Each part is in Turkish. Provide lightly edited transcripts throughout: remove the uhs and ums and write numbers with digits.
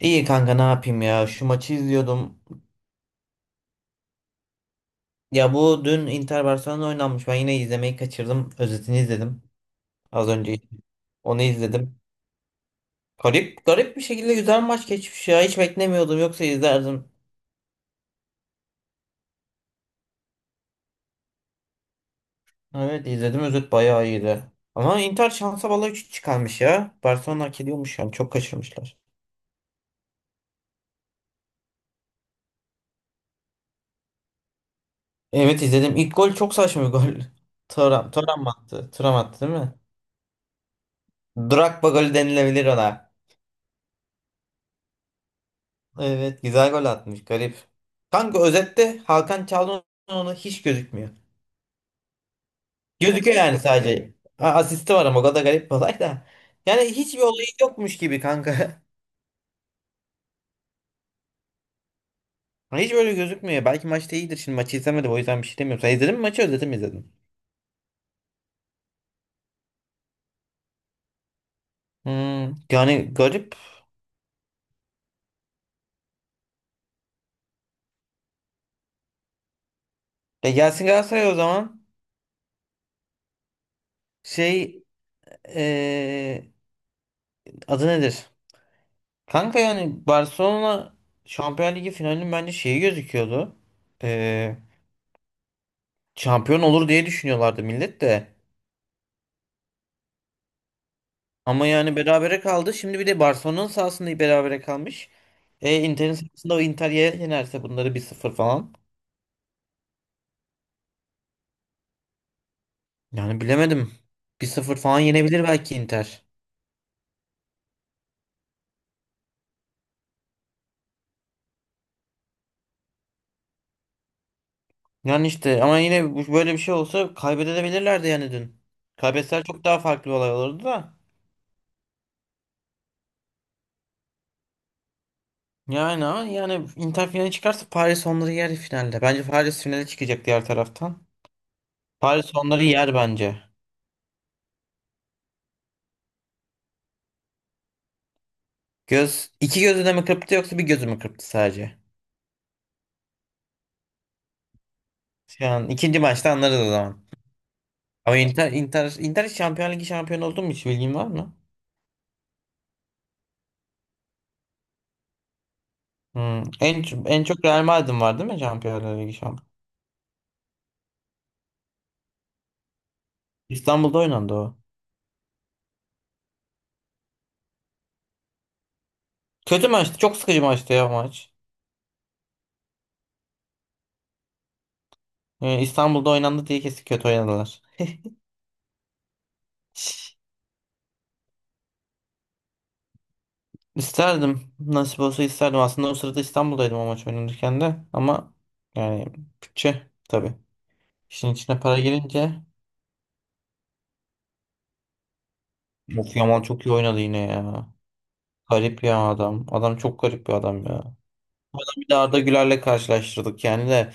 İyi kanka ne yapayım ya şu maçı izliyordum. Ya bu dün Inter Barcelona oynanmış. Ben yine izlemeyi kaçırdım. Özetini izledim. Az önce onu izledim. Garip garip bir şekilde güzel maç geçmiş ya. Hiç beklemiyordum, yoksa izlerdim. Evet, izledim, özet bayağı iyiydi. Ama Inter şansa bala 3 çıkarmış ya. Barcelona hak ediyormuş yani, çok kaçırmışlar. Evet, izledim. İlk gol çok saçma bir gol. Thuram, Thuram mı attı? Thuram attı değil mi? Drogba golü denilebilir ona. Evet, güzel gol atmış, garip. Kanka özette Hakan Çalhanoğlu hiç gözükmüyor. Gözüküyor yani sadece. Asisti var ama o kadar garip bir olay da. Yani hiçbir olayı yokmuş gibi kanka. Hiç böyle gözükmüyor. Belki maçta iyidir. Şimdi maçı izlemedim, o yüzden bir şey demiyorum. Sen izledin mi maçı, özeti mi izledin? Yani garip. Ya gelsin Galatasaray o zaman. Şey eee, adı nedir? Kanka yani Barcelona Şampiyon Ligi finalinin bence şeyi gözüküyordu. E, Şampiyon olur diye düşünüyorlardı millet de. Ama yani berabere kaldı. Şimdi bir de Barcelona'nın sahasında berabere kalmış. E Inter'in sahasında o Inter yenerse bunları 1-0 falan. Yani bilemedim. 1-0 falan yenebilir belki Inter. Yani işte ama yine böyle bir şey olsa kaybedebilirlerdi yani dün. Kaybetseler çok daha farklı bir olay olurdu da. Yani ama yani Inter finale çıkarsa Paris onları yer finalde. Bence Paris finale çıkacak diğer taraftan. Paris onları yer bence. Göz iki gözü de mi kırptı yoksa bir gözü mü kırptı sadece? Şu an ikinci maçta anlarız o zaman. Ama Inter Şampiyonlar Ligi şampiyonu oldu mu, hiç bilgin var mı? Hmm. En çok Real Madrid'in var değil mi Şampiyonlar Ligi şampiyonu? İstanbul'da oynandı o. Kötü maçtı. Çok sıkıcı maçtı ya o maç. İstanbul'da oynandı diye kesin kötü oynadılar. Şş, İsterdim. Nasip olsa isterdim. Aslında o sırada İstanbul'daydım o maç oynanırken de. Ama yani bütçe tabii. İşin içine para girince. Of Yaman çok iyi oynadı yine ya. Garip ya adam. Adam çok garip bir adam ya. Bir de Arda Güler'le karşılaştırdık yani de.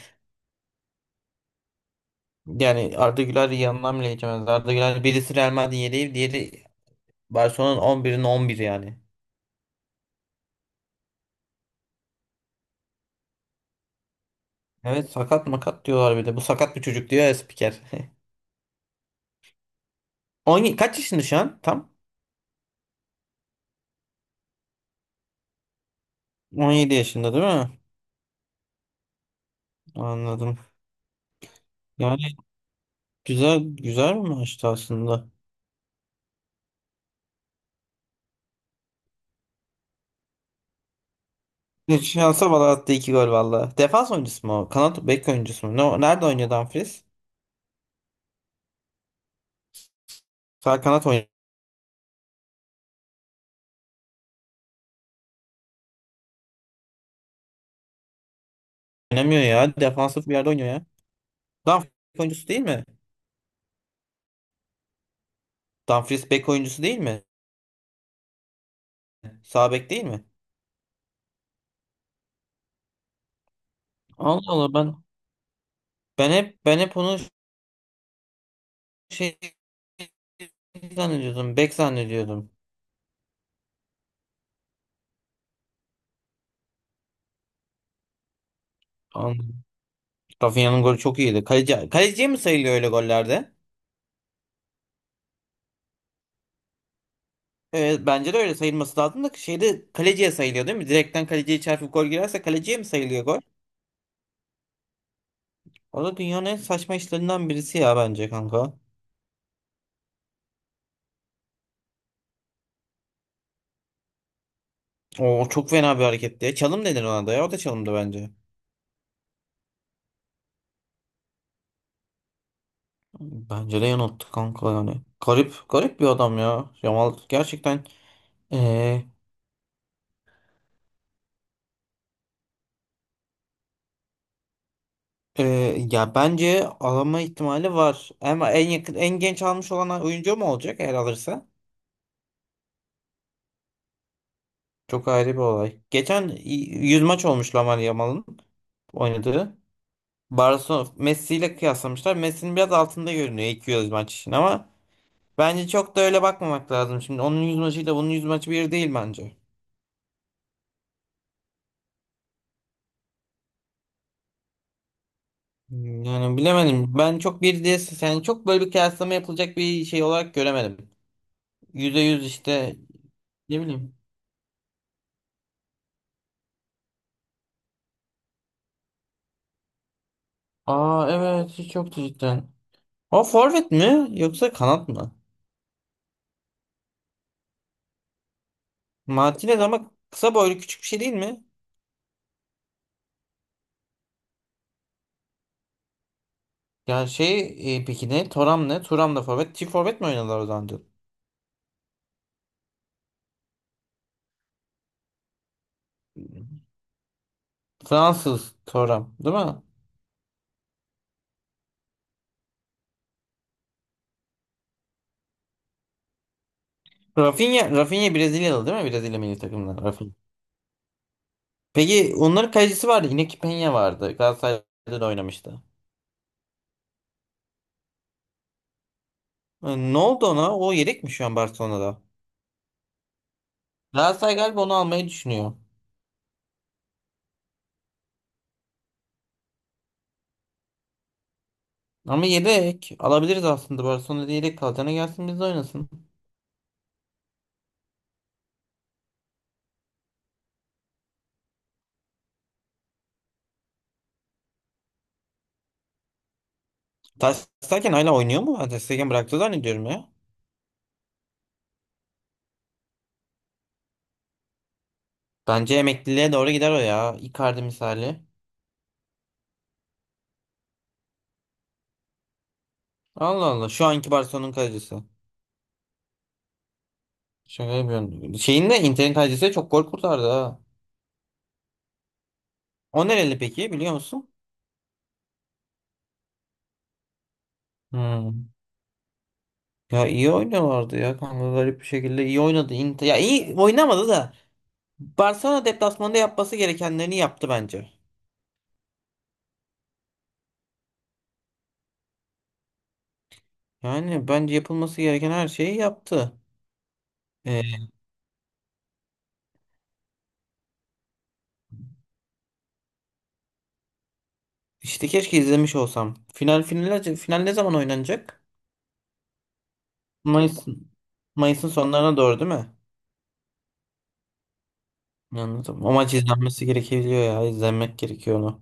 Yani Arda Güler yanından bile geçemez. Arda Güler birisi Real Madrid'in yedeği, diğeri Barcelona'nın 11'inin 11 yani. Evet, sakat makat diyorlar bir de. Bu sakat bir çocuk diyor ya spiker. 17, kaç yaşında şu an? Tam 17 yaşında değil mi? Anladım. Yani güzel güzel bir maçtı aslında. Bir Şansa bala attı iki gol valla. Defans oyuncusu mu o? Kanat bek oyuncusu mu? Ne, nerede oynuyor Dumfries? Sağ kanat oynamıyor ya. Defansif bir yerde oynuyor ya. Dumfries bek oyuncusu değil mi? Dumfries bek oyuncusu değil mi? Sağ bek değil mi? Allah Allah, ben hep onu şey zannediyordum. Bek zannediyordum. Anladım. Rafinha'nın golü çok iyiydi. Kaleci, kaleciye mi sayılıyor öyle gollerde? Evet, bence de öyle sayılması lazım da şeyde kaleciye sayılıyor değil mi? Direkten kaleciye çarpıp gol girerse kaleciye mi sayılıyor gol? O da dünyanın en saçma işlerinden birisi ya bence kanka. O çok fena bir hareketti ya. Çalım denir ona da ya. O da çalımdı bence. Bence de yanılttı kanka yani. Garip, garip bir adam ya. Yamal gerçekten eee, ya bence alama ihtimali var. Ama en yakın, en genç almış olan oyuncu mu olacak eğer alırsa? Çok ayrı bir olay. Geçen 100 maç olmuş Lamine Yamal'ın oynadığı. Barcelona Messi ile kıyaslamışlar. Messi'nin biraz altında görünüyor 200 maç için ama bence çok da öyle bakmamak lazım. Şimdi onun 100 maçıyla bunun 100 maçı bir değil bence. Yani bilemedim. Ben çok bir diye yani çok böyle bir kıyaslama yapılacak bir şey olarak göremedim. %100 işte ne bileyim. Aa evet, hiç yoktu cidden. O forvet mi yoksa kanat mı? Martinez ama kısa boylu küçük bir şey değil mi? Ya peki ne? Thuram ne? Thuram da forvet. Çift forvet mi oynadılar o zaman? Diyor. Fransız Thuram değil mi? Rafinha, Rafinha Brezilyalı değil mi? Brezilya milli takımından Rafinha. Peki onların kalecisi vardı. Yine Penha vardı. Galatasaray'da da oynamıştı. E, ne oldu ona? O yedek mi şu an Barcelona'da? Galatasaray galiba onu almayı düşünüyor. Ama yedek alabiliriz aslında. Barcelona'da yedek kalacağına gelsin biz de oynasın. Ter Stegen hala oynuyor mu? Ben Ter Stegen bıraktı zannediyorum ya. Bence emekliliğe doğru gider o ya. Icardi misali. Allah Allah. Şu anki Barcelona'nın kalecisi. Şaka yapıyorum. Şeyin de Inter'in kalecisi de çok gol kurtardı ha. O nereli peki biliyor musun? Hmm. Ya iyi oynuyorlardı ya kanka, garip bir şekilde iyi oynadı Inter. Ya iyi oynamadı da Barcelona deplasmanda yapması gerekenlerini yaptı bence. Yani bence yapılması gereken her şeyi yaptı. Ee, işte keşke izlemiş olsam. Final ne zaman oynanacak? Mayıs'ın Mayıs'ın sonlarına doğru değil mi? Anladım. O maç izlenmesi gerekiyor ya. İzlenmek gerekiyor onu.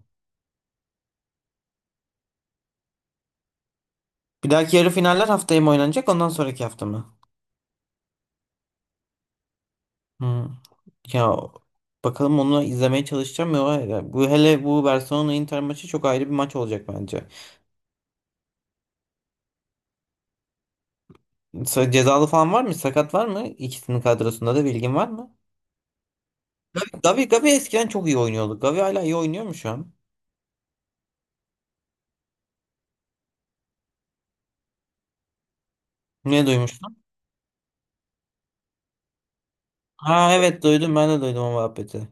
Bir dahaki yarı finaller haftaya mı oynanacak? Ondan sonraki hafta mı? Hmm. Ya bakalım onu izlemeye çalışacağım ya. Bu hele bu Barcelona Inter maçı çok ayrı bir maç olacak bence. Cezalı falan var mı? Sakat var mı? İkisinin kadrosunda da bilgin var mı? Gavi, Gavi eskiden çok iyi oynuyordu. Gavi hala iyi oynuyor mu şu an? Ne duymuştun? Ha evet, duydum, ben de duydum o muhabbeti.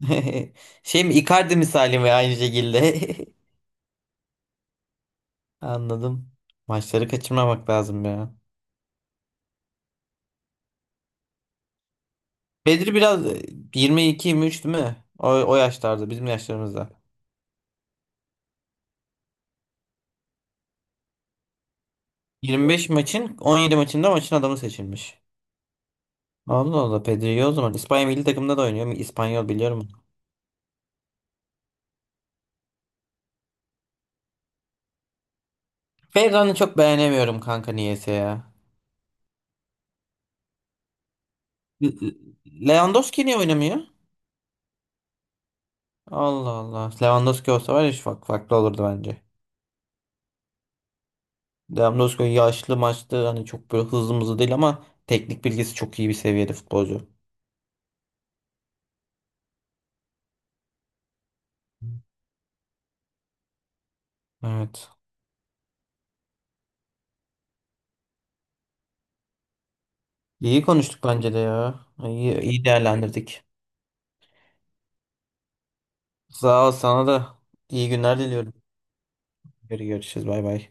Şey mi, Icardi misali mi aynı şekilde? Anladım. Maçları kaçırmamak lazım ya. Bedri biraz 22-23 değil mi? O, o yaşlarda bizim yaşlarımızda. 25 maçın 17 maçında maçın adamı seçilmiş. Allah Allah, Pedri iyi o zaman. İspanya milli takımında da oynuyor. İspanyol biliyorum. Ferran'ı çok beğenemiyorum kanka niyeyse ya. L- L- Lewandowski niye oynamıyor? Allah Allah. Lewandowski olsa var ya şu farklı olurdu bence. Lewandowski yaşlı maçlı hani çok böyle hızlı mızlı değil, ama teknik bilgisi çok iyi bir seviyede futbolcu. Evet. İyi konuştuk bence de ya. İyi, iyi değerlendirdik. Sağ ol, sana da iyi günler diliyorum. Görüşürüz, bay bay.